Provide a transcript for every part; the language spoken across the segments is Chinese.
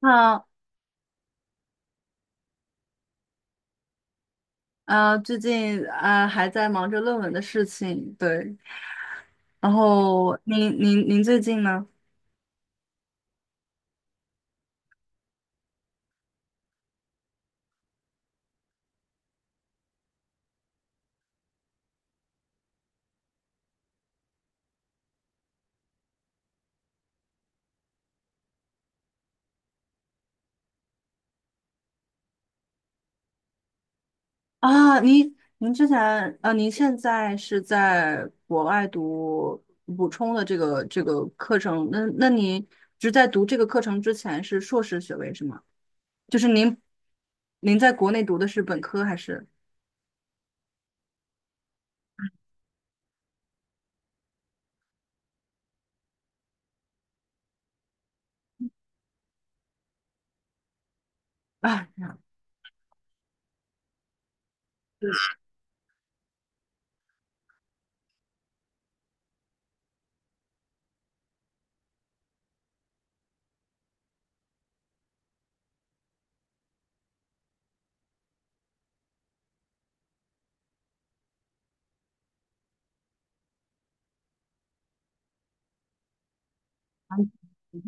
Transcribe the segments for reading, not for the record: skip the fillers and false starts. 那最近还在忙着论文的事情，对。然后您最近呢？啊，您之前您现在是在国外读补充的这个课程，那您只在读这个课程之前是硕士学位是吗？就是您在国内读的是本科还是？啊，赞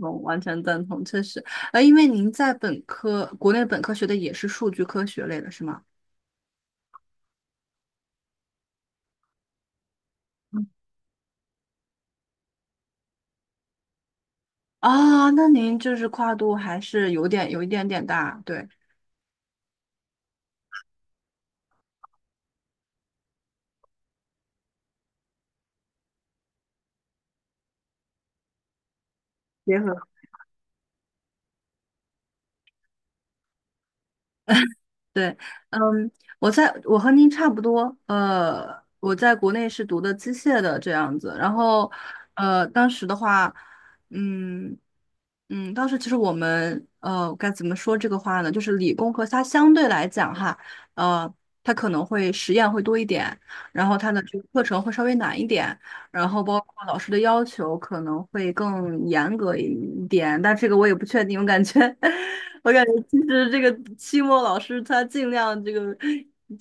同，完全赞同，确实，因为您在本科国内本科学的也是数据科学类的是吗？啊，那您就是跨度还是有一点点大，对。结合。对，嗯，我和您差不多，我在国内是读的机械的这样子，然后，当时的话，嗯当时其实我们该怎么说这个话呢？就是理工科它相对来讲哈，呃，它可能会实验会多一点，然后它的这个课程会稍微难一点，然后包括老师的要求可能会更严格一点，但这个我也不确定。我感觉，我感觉其实这个期末老师他尽量这个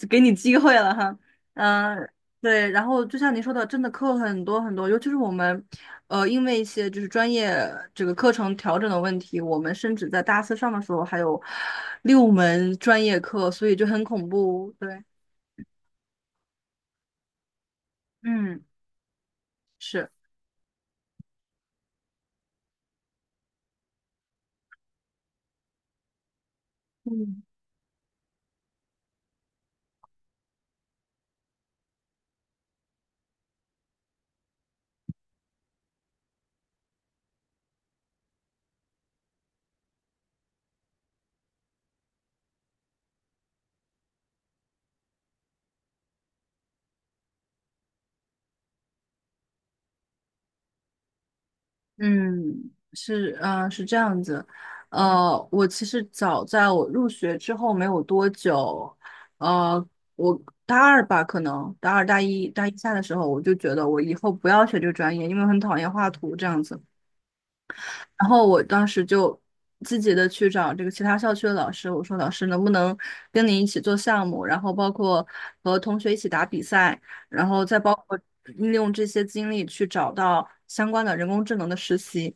给你机会了哈，嗯、对。然后就像您说的，真的课很多很多，尤其是我们，因为一些就是专业这个课程调整的问题，我们甚至在大四上的时候还有六门专业课，所以就很恐怖。对，嗯，是。嗯，嗯，是，是这样子，我其实早在我入学之后没有多久，呃，我大二吧，可能大二、大一、大一下的时候，我就觉得我以后不要学这个专业，因为我很讨厌画图这样子。然后我当时就积极的去找这个其他校区的老师，我说老师能不能跟你一起做项目，然后包括和同学一起打比赛，然后再包括利用这些经历去找到相关的人工智能的实习。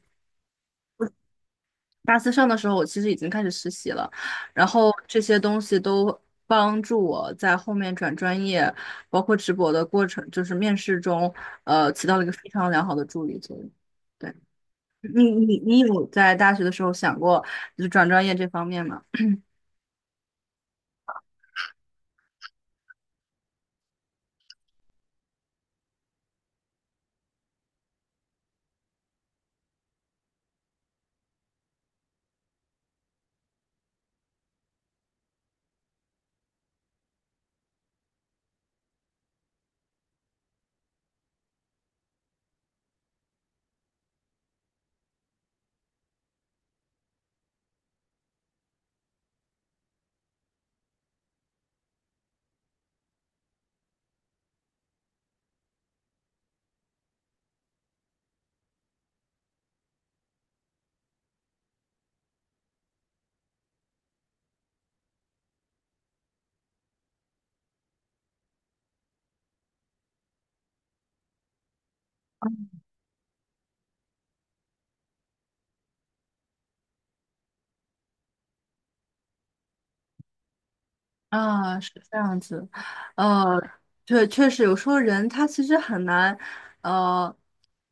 大四上的时候，我其实已经开始实习了，然后这些东西都帮助我在后面转专业，包括直博的过程，就是面试中，起到了一个非常良好的助力作用。对，你有在大学的时候想过就是转专业这方面吗？啊，是这样子，呃，确实有时候人他其实很难，呃，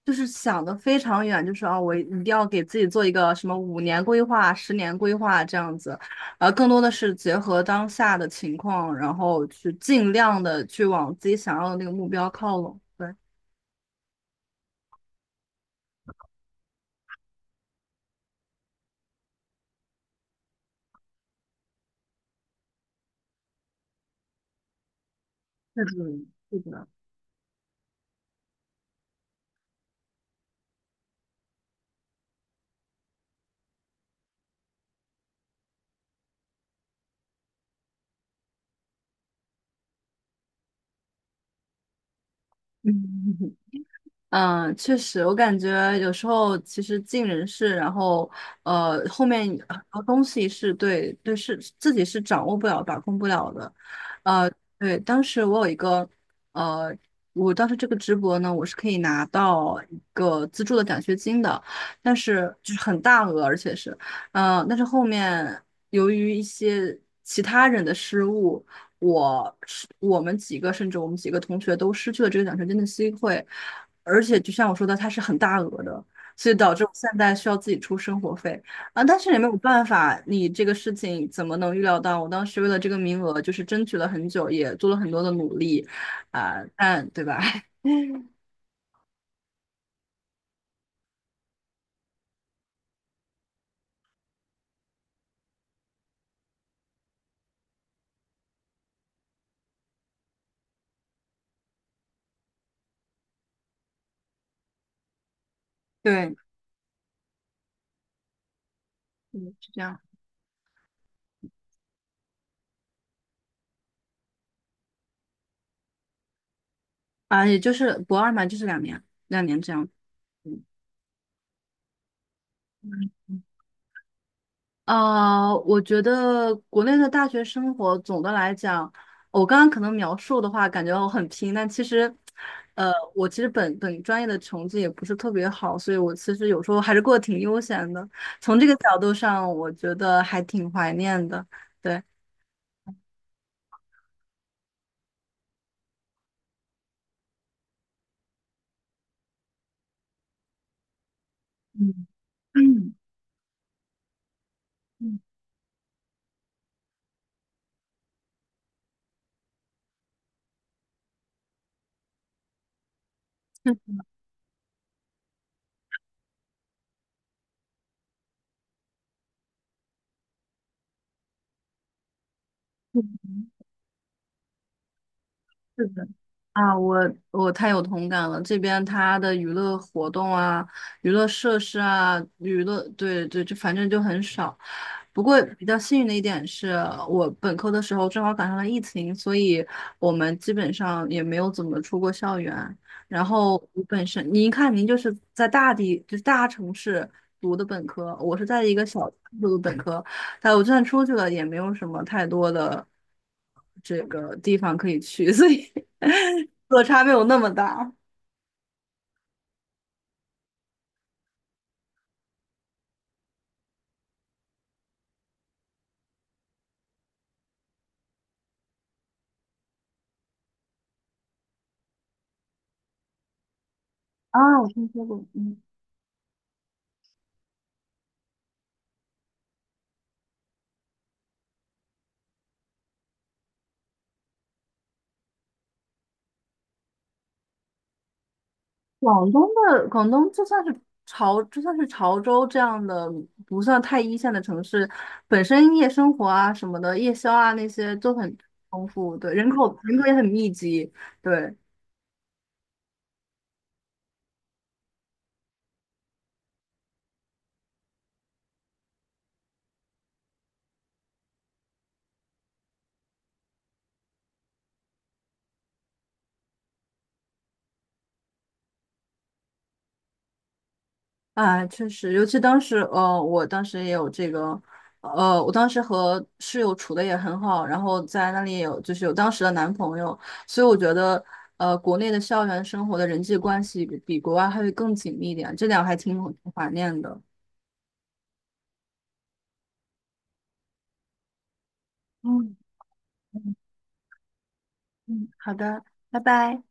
就是想的非常远，就是啊，我一定要给自己做一个什么五年规划、十年规划这样子，更多的是结合当下的情况，然后去尽量的去往自己想要的那个目标靠拢。对，是的，是的，嗯。嗯，确实，我感觉有时候其实尽人事，然后后面很多东西是，对对，是自己是掌握不了、把控不了的。呃，对，当时我有一个呃，我当时这个直博呢，我是可以拿到一个资助的奖学金的，但是就是很大额，而且是呃，但是后面由于一些其他人的失误。我我们几个，甚至我们几个同学都失去了这个奖学金的机会，而且就像我说的，它是很大额的，所以导致我现在需要自己出生活费啊。但是也没有办法，你这个事情怎么能预料到？我当时为了这个名额，就是争取了很久，也做了很多的努力啊，但对吧？嗯对，嗯，是这样啊，也就是博二嘛，就是两年，两年这样。嗯我觉得国内的大学生活总的来讲，我刚刚可能描述的话，感觉我很拼，但其实，我其实本专业的成绩也不是特别好，所以我其实有时候还是过得挺悠闲的。从这个角度上，我觉得还挺怀念的。对，嗯，嗯，是的。啊，我太有同感了。这边它的娱乐活动啊、娱乐设施啊、娱乐，对对，就反正就很少。不过比较幸运的一点是，我本科的时候正好赶上了疫情，所以我们基本上也没有怎么出过校园。然后我本身，您看，您就是在大地，就是大城市读的本科，我是在一个小城市读的本科，哎，我就算出去了，也没有什么太多的这个地方可以去，所以 落差没有那么大。啊，我听说过，嗯，广东广东就算是潮州这样的不算太一线的城市，本身夜生活啊什么的，夜宵啊那些都很丰富，对，人口也很密集，对，啊，确实，尤其当时，我当时也有这个，我当时和室友处的也很好，然后在那里也有就是有当时的男朋友，所以我觉得，国内的校园生活的人际关系比国外还会更紧密一点，这点我还挺怀念的。嗯嗯，嗯好的，拜拜。